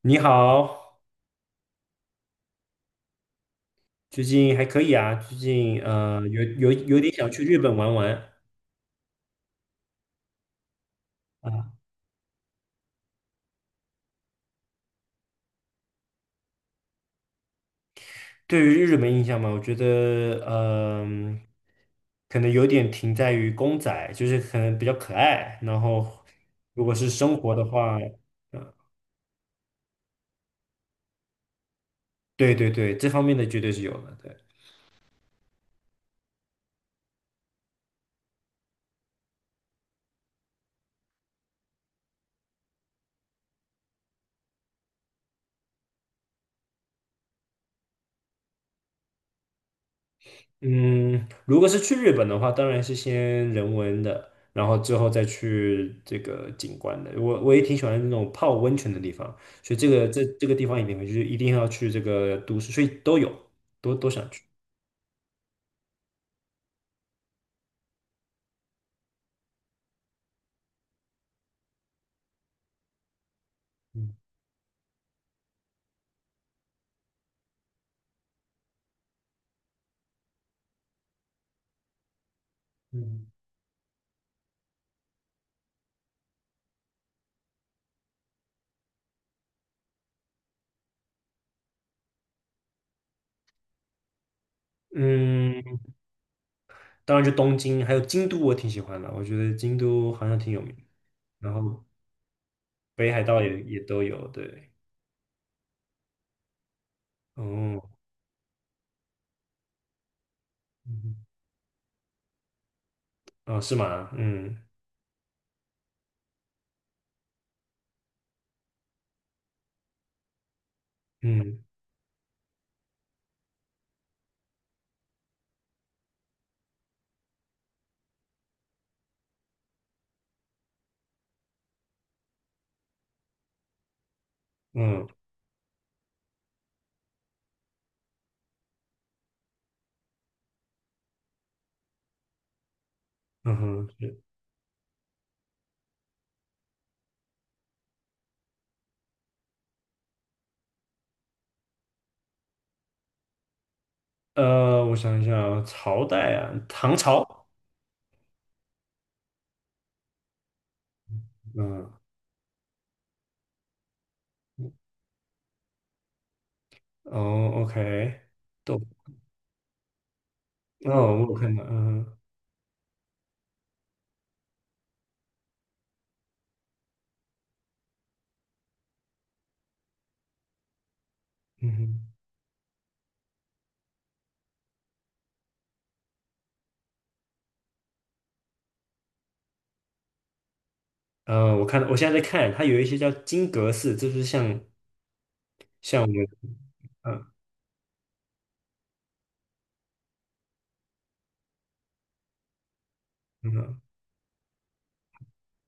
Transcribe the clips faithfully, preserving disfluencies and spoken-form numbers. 你好，最近还可以啊，最近呃有有有点想去日本玩玩。对于日本印象嘛，我觉得嗯、可能有点停在于公仔，就是可能比较可爱。然后如果是生活的话，嗯，对对对，这方面的绝对是有的。对。嗯，如果是去日本的话，当然是先人文的，然后之后再去这个景观的。我我也挺喜欢那种泡温泉的地方，所以这个这这个地方一定会是一定要去这个都市，所以都有，都都想去。嗯嗯嗯，当然就东京，还有京都，我挺喜欢的，我觉得京都好像挺有名。然后北海道也也都有，对。哦，嗯哦，是吗？嗯嗯嗯嗯哼。呃，我想一下啊，朝代啊，唐朝。嗯，哦，OK。都，哦，我有看到，嗯哼嗯哼。呃，我看到，我现在在看，它有一些叫金阁寺，这就是像像我们，嗯嗯哼，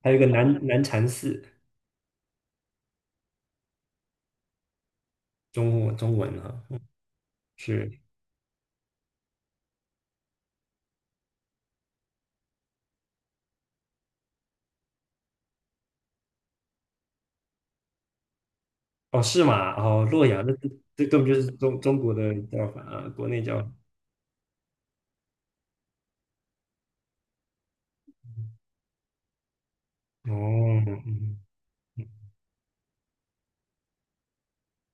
还有一个南南禅寺，中文中文啊，是。哦，是吗？哦，洛阳，那这这根本就是中中国的叫法啊，国内叫法。哦，嗯嗯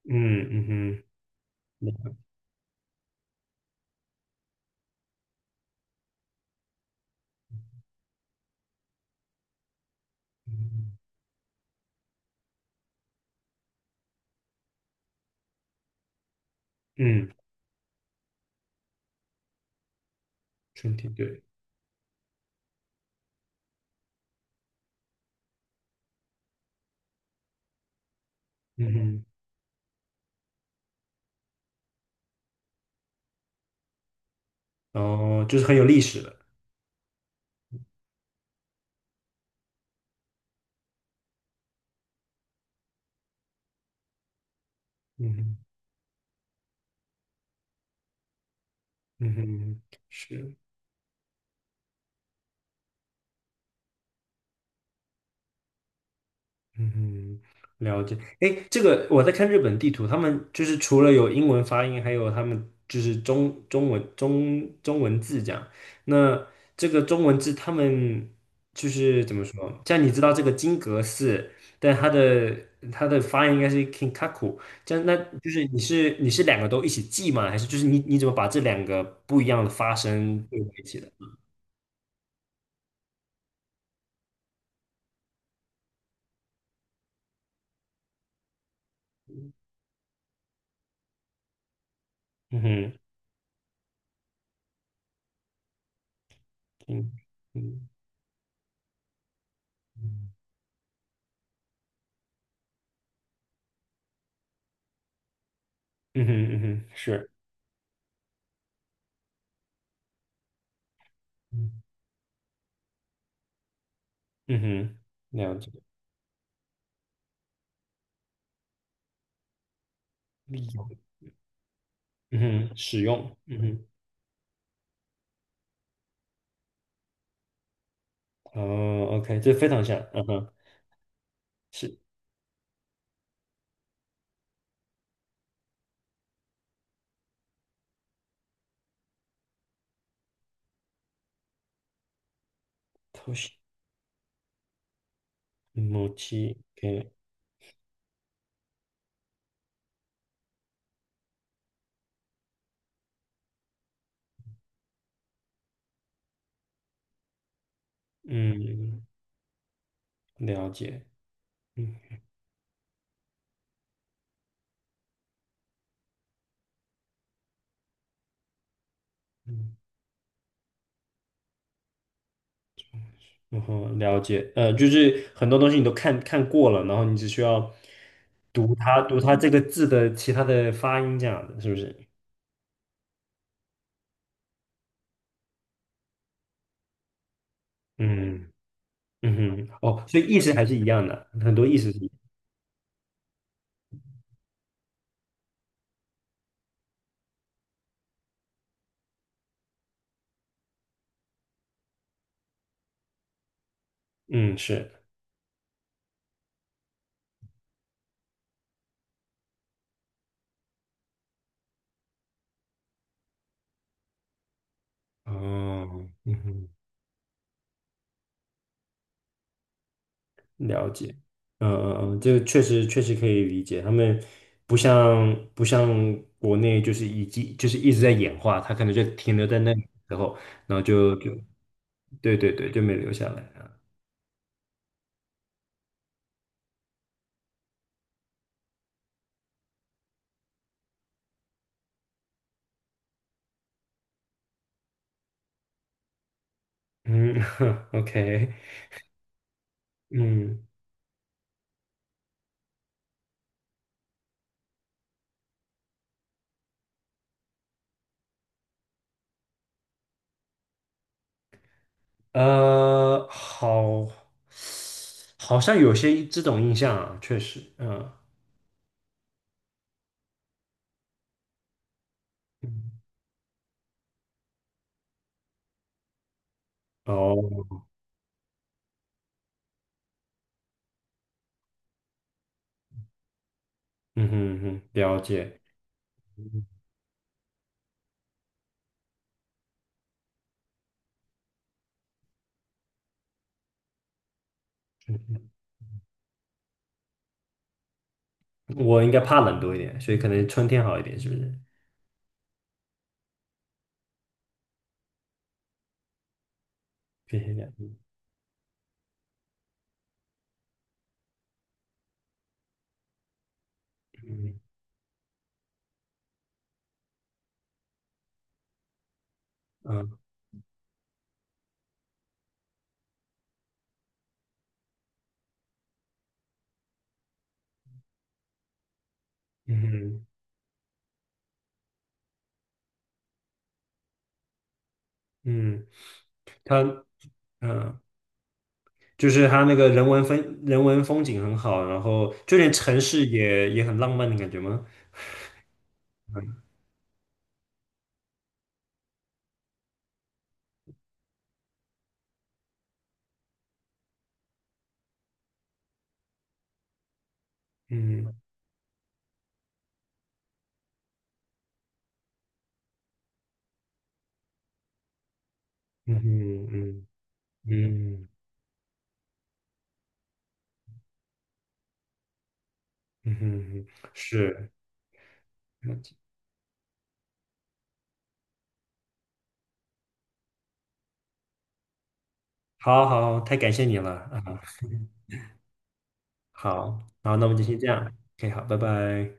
嗯嗯哼，嗯，嗯春天对，嗯哼。哦，就是很有历史的。嗯哼，嗯哼，是，嗯哼，了解。哎，这个我在看日本地图，他们就是除了有英文发音，还有他们就是中中文中中文字这样。那这个中文字，他们就是怎么说？像你知道这个金阁寺，但它的它的发音应该是 Kinkaku，这样那就是你是你是两个都一起记吗？还是就是你你怎么把这两个不一样的发声对在一起的？嗯哼。嗯嗯嗯哼嗯哼，是，嗯哼，了解，利用，嗯哼，使用，嗯哼，哦，OK，这非常像，嗯哼，是偷袭 s h e m o 嗯，了解，嗯嗯。然后了解，呃，就是很多东西你都看看过了，然后你只需要读它读它这个字的其他的发音这样的，是不是？嗯嗯哼，哦，所以意思还是一样的，很多意思是一嗯，是。哦，嗯哼，了解，嗯嗯嗯，这个确实确实可以理解，他们不像不像国内就是已经就是一直在演化，他可能就停留在那然后，然后就就对对对，就没留下来啊。嗯 ，OK，嗯，呃，好，好像有些这种印象啊，确实，嗯，嗯哦，嗯哼嗯哼，了解。我应该怕冷多一点，所以可能春天好一点，是不是？偏向凉。嗯嗯嗯嗯，它嗯，就是它那个人文风人文风景很好，然后就连城市也也很浪漫的感觉吗？嗯嗯哼嗯嗯嗯哼，是，好好，太感谢你了啊！好好，那我们就先这样，OK，好，拜拜。